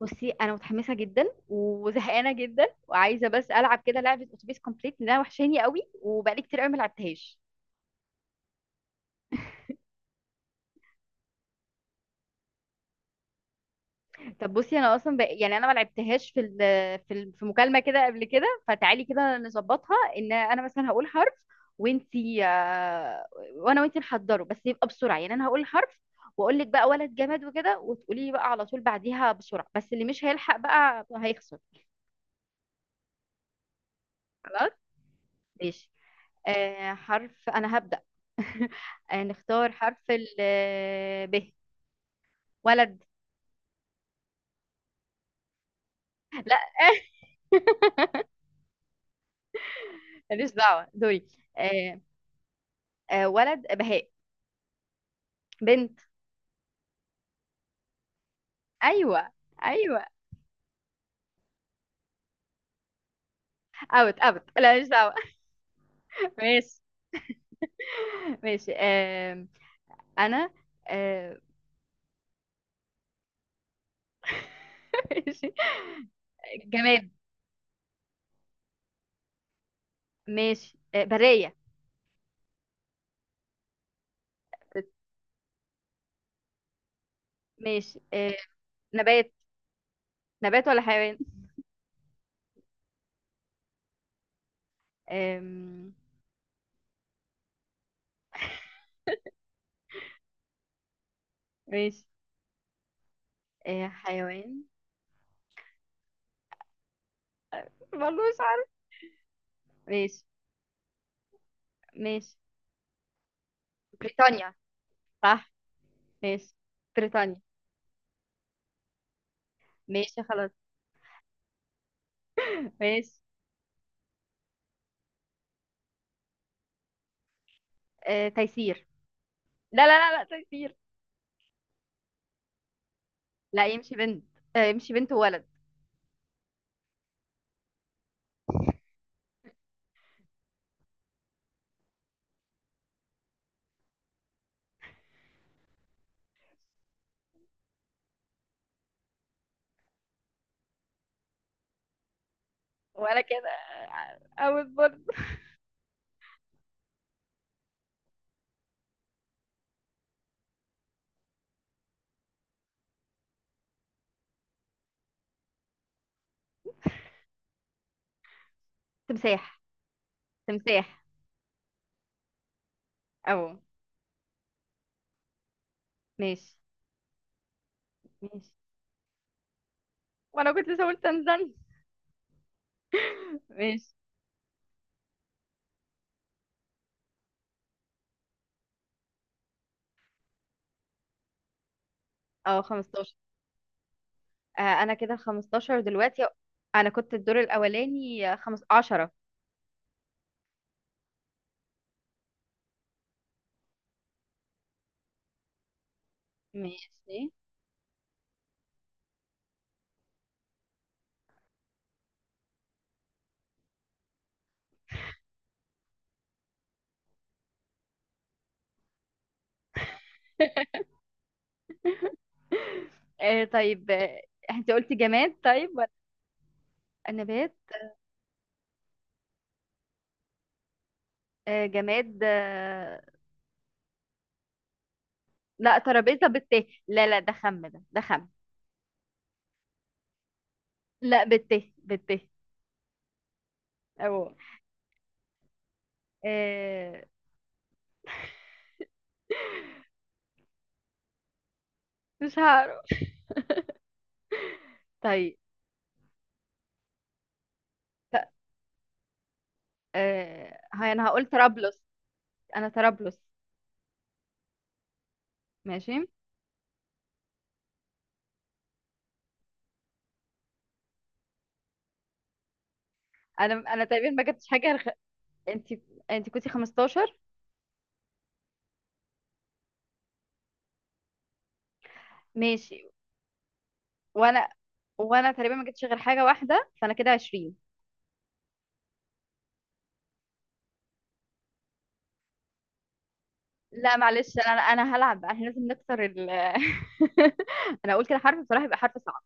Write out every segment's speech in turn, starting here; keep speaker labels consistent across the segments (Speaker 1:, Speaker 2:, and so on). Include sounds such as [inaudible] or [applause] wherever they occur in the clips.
Speaker 1: بصي انا متحمسه جدا وزهقانه جدا وعايزه بس العب كده لعبه اتوبيس كومبليت لانها وحشاني قوي وبقالي كتير قوي ما لعبتهاش. طب بصي، انا اصلا يعني انا ما لعبتهاش في مكالمه كده قبل كده، فتعالي كده نظبطها ان انا مثلا هقول حرف وانتي وانا وانتي نحضره، بس يبقى بسرعه. يعني انا هقول حرف واقول لك بقى ولد جماد وكده، وتقولي لي بقى على طول بعديها بسرعه، بس اللي مش هيلحق بقى هيخسر. خلاص ماشي. آه، حرف. أنا هبدأ. [laughs] آه، نختار حرف ال آه، ب. ولد. [laughs] ماليش دعوة دوري. آه. آه، ولد بهاء. بنت. أيوة. أيوة. أوت أوت، لا، ماليش دعوة. [laughs] ماشي. ماشي. آه. أنا. آه. [laughs] ماشي. جماد. ماشي، آه، برية. ماشي، آه، نبات. نبات ولا حيوان؟ آم. [laughs] ماشي. آه، حيوان. والله مش عارف. ماشي. ماشي. بريطانيا صح. ماشي. بريطانيا. ماشي خلاص. ماشي. آه، تيسير. لا لا لا لا، تيسير. لا، يمشي بنت. آه، يمشي بنت وولد. ولا كده. او برضه. تمساح. تمساح. او. ماشي. ماشي. وانا كنت لسه قلت تنزانيا. ماشي. اه، 15. آه، انا كده 15 دلوقتي. انا كنت الدور الاولاني آه، خمس 10. ماشي. [laughs] آه، طيب، آه، انت قلتي جماد طيب ولا نبات؟ آه، جماد، آه. لا، ترابيزة بالت. لا لا، ده خم. لا، بالت بالت. أو. آه. مش هعرف. طيب. ت... هاي، أنا هقول طرابلس. أنا طرابلس. ماشي. أنا تقريبا ما جبتش حاجة أنت. أنت كنتي 15. ماشي. وأنا وأنا تقريبا ما جبتش غير حاجة واحدة، فأنا كده 20. لا معلش، أنا هلعب بقى، احنا لازم نكسر ال [laughs] أنا أقول كده حرف بصراحة، يبقى حرف صعب.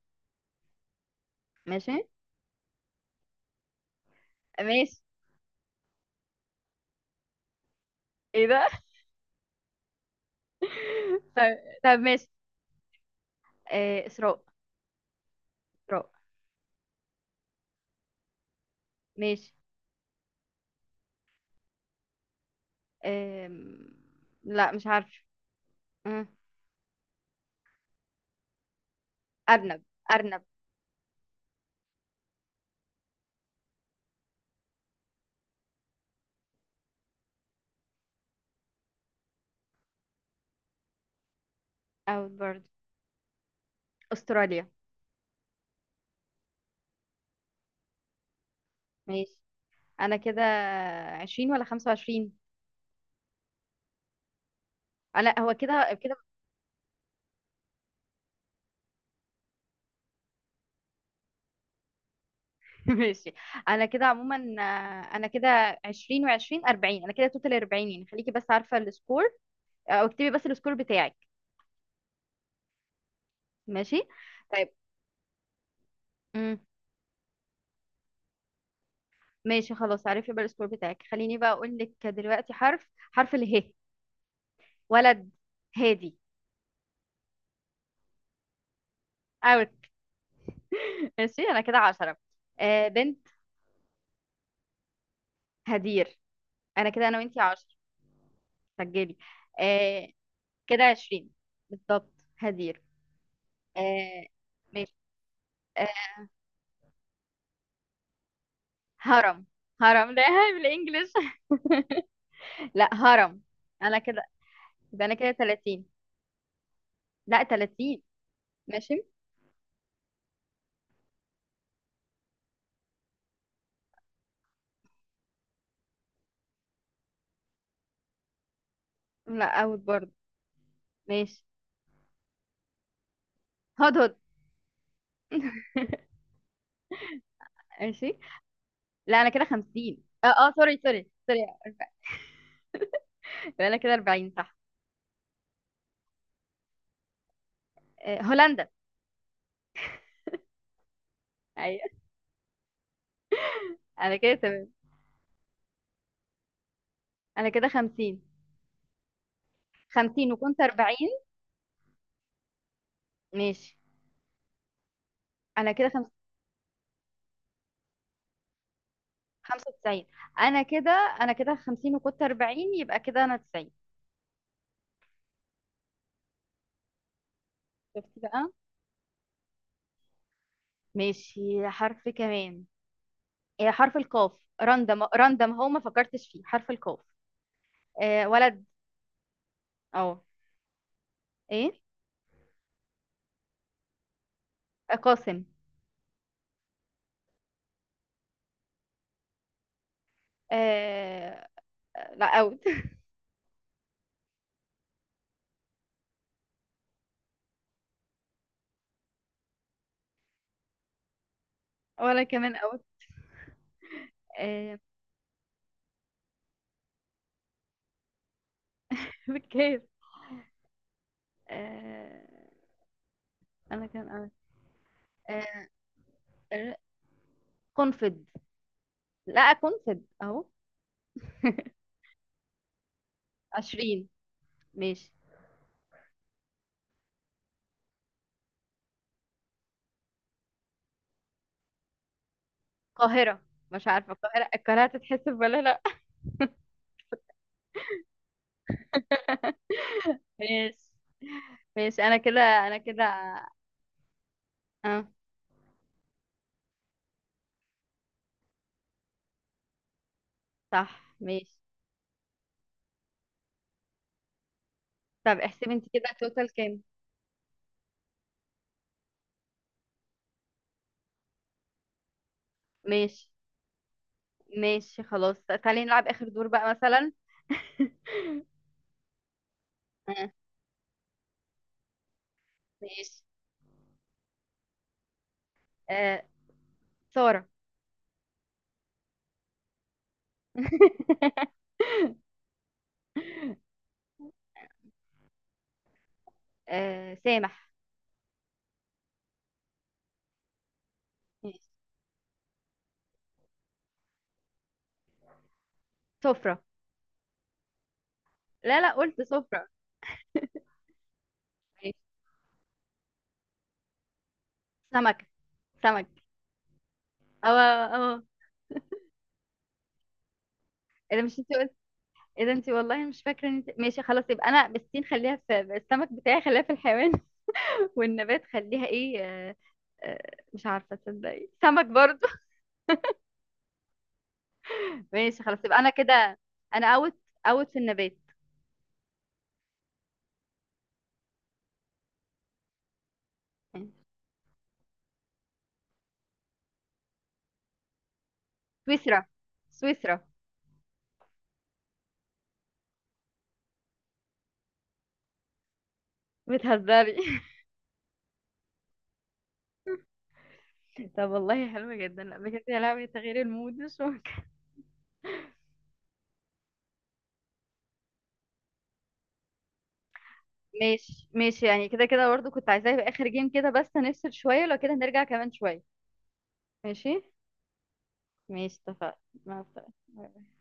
Speaker 1: ماشي. ماشي. إيه ده؟ [laughs] طيب. طب ماشي. آه، إسراء. إسراء. ماشي. آم. لا، مش عارفة. مم. أرنب. أرنب. أوت برضه. أستراليا. ماشي. أنا كده عشرين ولا خمسة وعشرين؟ آه، لا، هو كده كده. [laughs] ماشي. أنا كده عموما آه، أنا كده عشرين وعشرين أربعين، أنا كده توتال أربعين، يعني خليكي بس عارفة السكور. أو اكتبي بس السكور بتاعك. ماشي. طيب. مم. ماشي خلاص، عارفة بقى السكور بتاعك. خليني بقى أقول لك دلوقتي حرف. حرف اله. ولد. هادي. اوت. ماشي، انا كده عشرة. آه، بنت هدير. انا كده انا وانتي عشرة. سجلي. آه، كده عشرين. بالضبط هدير. آه. ماشي. آه. هرم. هرم، لا. [laughs] بالانجلش. [laughs] لا، هرم. انا كده، يبقى انا كده 30. لا، 30. ماشي. لا، اوت برضه. ماشي. هدهد. ماشي. لا، انا كده 50. اه اه، سوري سوري سوري. [laughs] يبقى انا كده 40 صح. آه، هولندا. ايوه. انا كده تمام. انا كده 50. 50 وكنت 40. ماشي. انا كده 95. انا كده، انا كده 50 وكنت 40، يبقى كده انا 90. شفتي بقى. ماشي، حرف كمان. إيه، حرف القاف. راندم راندم، هو ما فكرتش فيه حرف القاف. آه، ولد. اه. ايه. آه، قاسم. آه. لا، اوت. [laughs] ولا كمان اوت. آه. [laughs] بالكيف. آه. انا كان اوت. آه. ر- قنفد. لا، قنفد اهو. [laughs] 20. ماشي. القاهرة. مش عارفة القاهرة القاهرة هتتحسب ولا لا. [laughs] ماشي. ماشي. انا كده، انا كده، اه، صح، ماشي. طب احسبي انت كده توتال كام. ماشي. ماشي خلاص، تعالي نلعب اخر دور بقى مثلا. [laughs] آه. ماشي. آه، سارة. [laughs] آه، سامح. ماشي. سفرة. لا لا، قلت سفرة. ماشي. سمكة. سمك. اه اه. اللي مش انت. ايه ده انتي، والله مش فاكره ان ماشي خلاص، يبقى انا بالسين خليها في السمك بتاعي، خليها في الحيوان [laughs] والنبات خليها ايه، آه، آه، مش عارفه تصدقي سمك برضو. [laughs] ماشي خلاص، يبقى انا كده. انا اوت. اوت في النبات. سويسرا. سويسرا. بتهزري. [laughs] طب والله حلوة جدا، لا بجد يا لهوي، تغيير المود مش ممكن. ماشي. ماشي، يعني كده كده برضو كنت عايزاه، يبقى اخر جيم كده بس، هنفصل شويه لو كده نرجع كمان شويه. ماشي. ماشي اتفقنا. مع السلامه.